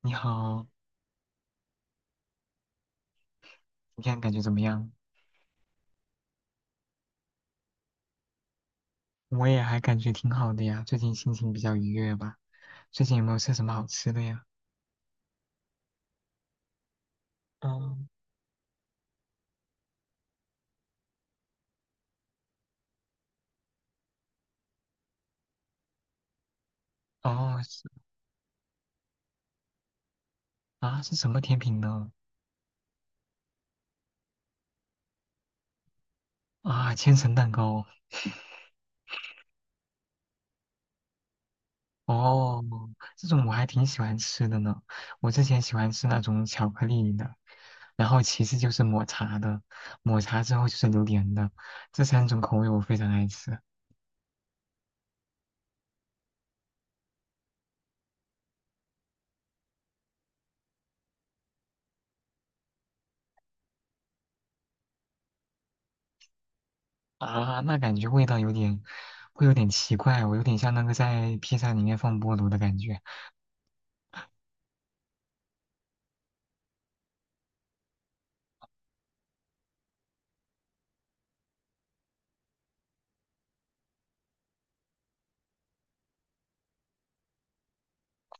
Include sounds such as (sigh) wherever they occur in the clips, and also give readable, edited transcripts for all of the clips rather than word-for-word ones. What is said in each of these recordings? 你好，你看感觉怎么样？我也还感觉挺好的呀，最近心情比较愉悦吧。最近有没有吃什么好吃的呀？嗯。哦，是啊，是什么甜品呢？啊，千层蛋糕。哦，这种我还挺喜欢吃的呢。我之前喜欢吃那种巧克力的，然后其次就是抹茶的，抹茶之后就是榴莲的，这三种口味我非常爱吃。啊，那感觉味道有点，会有点奇怪，我有点像那个在披萨里面放菠萝的感觉。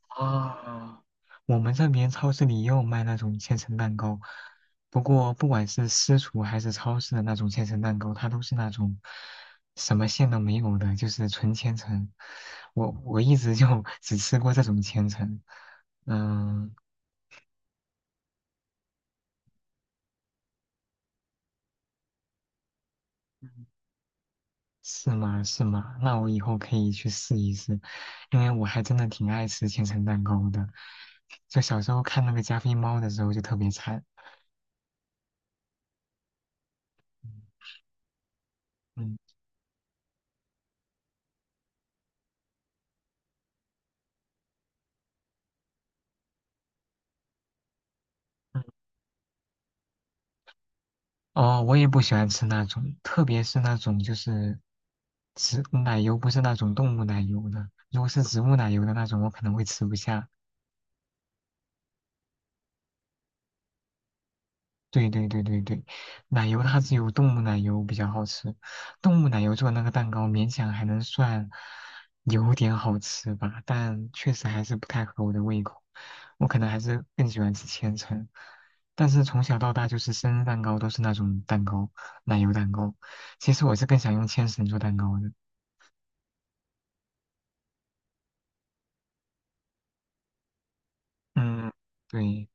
啊，我们这边超市里也有卖那种千层蛋糕，不过不管是私厨还是超市的那种千层蛋糕，它都是那种什么馅都没有的，就是纯千层。我一直就 (laughs) 只吃过这种千层。嗯。嗯，是吗？是吗？那我以后可以去试一试，因为我还真的挺爱吃千层蛋糕的。就小时候看那个加菲猫的时候就特别馋。嗯。哦，我也不喜欢吃那种，特别是那种就是植奶油，不是那种动物奶油的。如果是植物奶油的那种，我可能会吃不下。对对对对对，奶油它只有动物奶油比较好吃，动物奶油做的那个蛋糕勉强还能算有点好吃吧，但确实还是不太合我的胃口。我可能还是更喜欢吃千层，但是从小到大就是生日蛋糕都是那种蛋糕，奶油蛋糕。其实我是更想用千层做蛋糕的。嗯，对。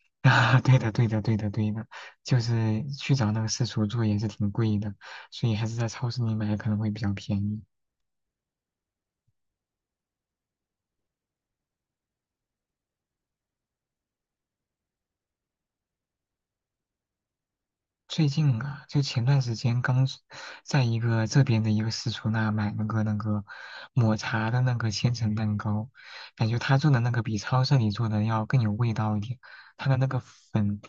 (laughs) 啊，对的，对的，对的，对的，就是去找那个私厨做也是挺贵的，所以还是在超市里买可能会比较便宜。最近啊，就前段时间刚是在一个这边的一个私厨那买那个抹茶的那个千层蛋糕，感觉他做的那个比超市里做的要更有味道一点。他的那个粉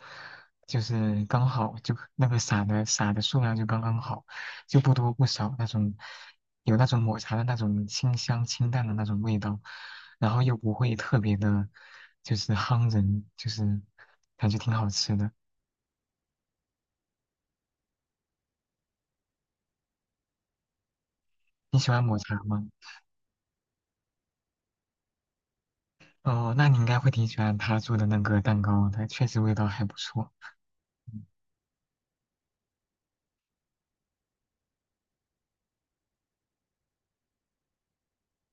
就是刚好，就那个撒的数量就刚刚好，就不多不少那种，有那种抹茶的那种清香清淡的那种味道，然后又不会特别的，就是夯人，就是感觉挺好吃的。你喜欢抹茶吗？哦，那你应该会挺喜欢他做的那个蛋糕的，确实味道还不错。嗯。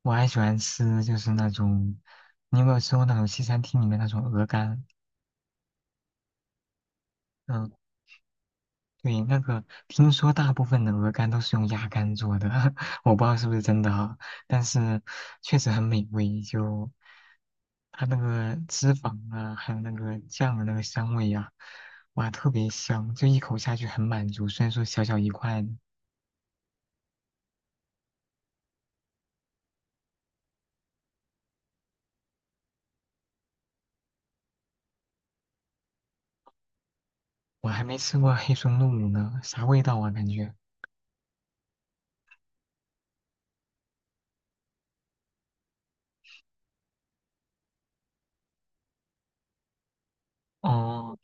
我还喜欢吃就是那种，你有没有吃过那种西餐厅里面那种鹅肝？嗯，对，那个听说大部分的鹅肝都是用鸭肝做的，(laughs) 我不知道是不是真的啊，但是确实很美味，就它那个脂肪啊，还有那个酱的那个香味呀、哇，特别香，就一口下去很满足，虽然说小小一块。我还没吃过黑松露乳呢，啥味道啊？感觉哦。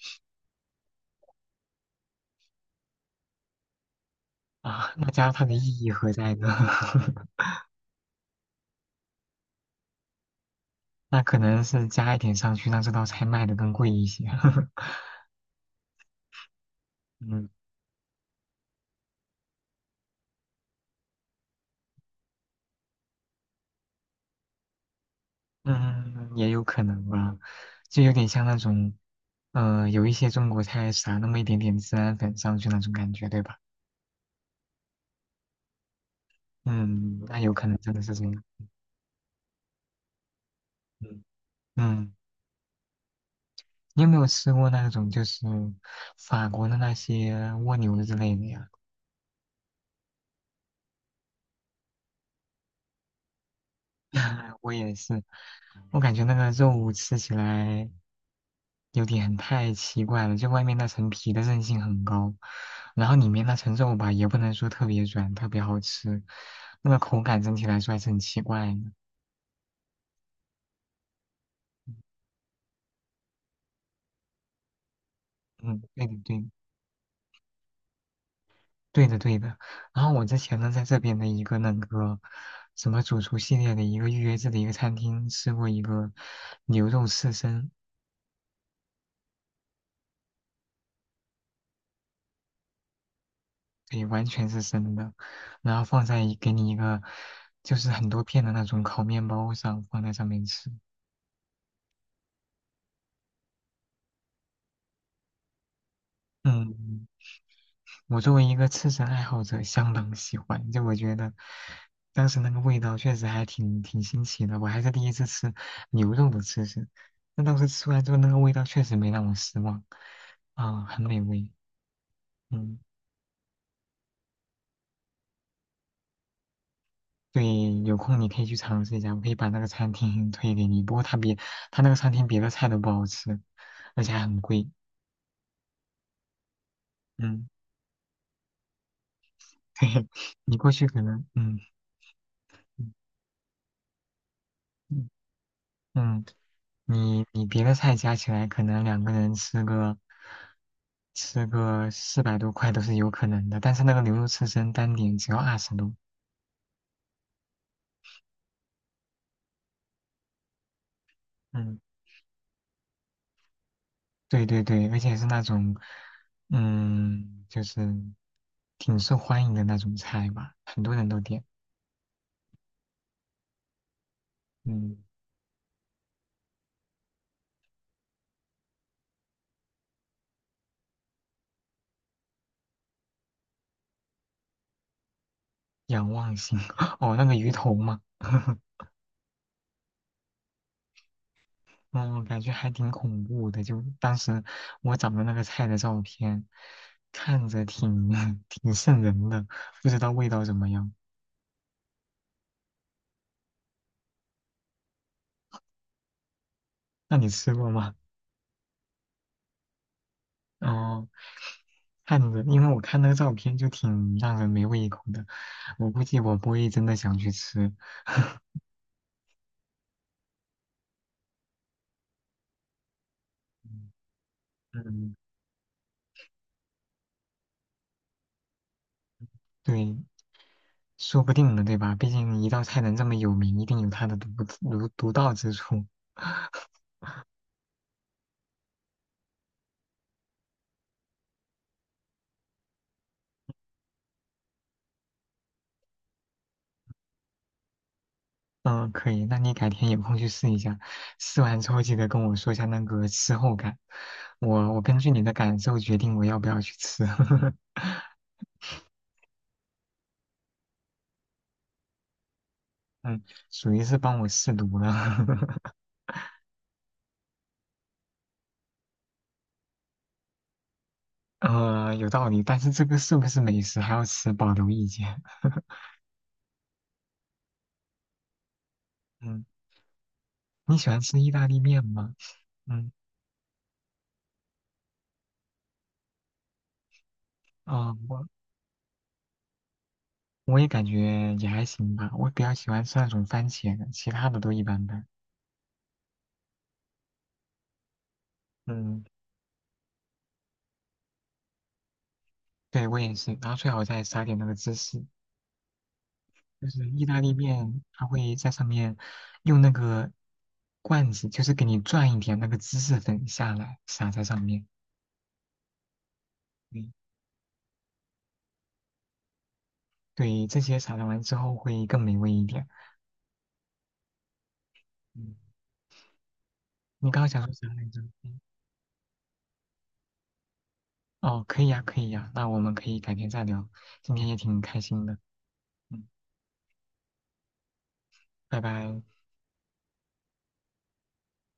啊，那加它的意义何在呢？(laughs) 那可能是加一点上去，让这道菜卖的更贵一些。(laughs) 嗯。嗯，也有可能吧，就有点像那种，有一些中国菜撒那么一点点孜然粉上去那种感觉，对吧？嗯，那有可能真的是这样。嗯。嗯，你有没有吃过那种就是法国的那些蜗牛之类的呀？(laughs) 我也是，我感觉那个肉吃起来有点太奇怪了，就外面那层皮的韧性很高，然后里面那层肉吧，也不能说特别软，特别好吃，那个口感整体来说还是很奇怪的。嗯，对的，对的，对的，对的。然后我之前呢，在这边的一个那个什么主厨系列的一个预约制的一个餐厅吃过一个牛肉刺身，对，完全是生的，然后放在一给你一个就是很多片的那种烤面包上，放在上面吃。嗯，我作为一个吃身爱好者，相当喜欢。就我觉得，当时那个味道确实还挺新奇的，我还是第一次吃牛肉的吃身。那当时吃完之后，那个味道确实没让我失望，啊、很美味。嗯，对，有空你可以去尝试一下，我可以把那个餐厅 (laughs) 推给你。不过它比它那个餐厅别的菜都不好吃，而且还很贵。嗯。(laughs) 嘿，你过去可能，嗯。嗯。嗯。嗯，你你别的菜加起来，可能两个人吃个四百多块都是有可能的，但是那个牛肉刺身单点只要二十多。嗯，对对对，而且是那种嗯，就是挺受欢迎的那种菜吧，很多人都点。嗯。仰望星 (laughs) 哦，那个鱼头嘛。(laughs) 嗯，感觉还挺恐怖的。就当时我找的那个菜的照片，看着挺 (laughs) 挺瘆人的，不知道味道怎么样。那你吃过吗？哦，看着，因为我看那个照片就挺让人没胃口的，我估计我不会真的想去吃。嗯，对，说不定呢，对吧？毕竟一道菜能这么有名，一定有它的独到之处。嗯，可以，那你改天有空去试一下，试完之后记得跟我说一下那个吃后感，我根据你的感受决定我要不要去吃。(laughs) 嗯，属于是帮我试毒了。(laughs) 有道理，但是这个是不是美食还要持保留意见。(laughs) 嗯。你喜欢吃意大利面吗？嗯。啊、我我也感觉也还行吧，我比较喜欢吃那种番茄的，其他的都一般般。嗯，对，我也是，然后最好再撒点那个芝士，就是意大利面，它会在上面用那个罐子，就是给你转一点那个芝士粉下来，撒在上面。嗯，对，这些撒上完之后会更美味一点。嗯，你刚刚想说啥来着？嗯。哦，可以呀，可以呀，那我们可以改天再聊。今天也挺开心的。嗯。拜拜。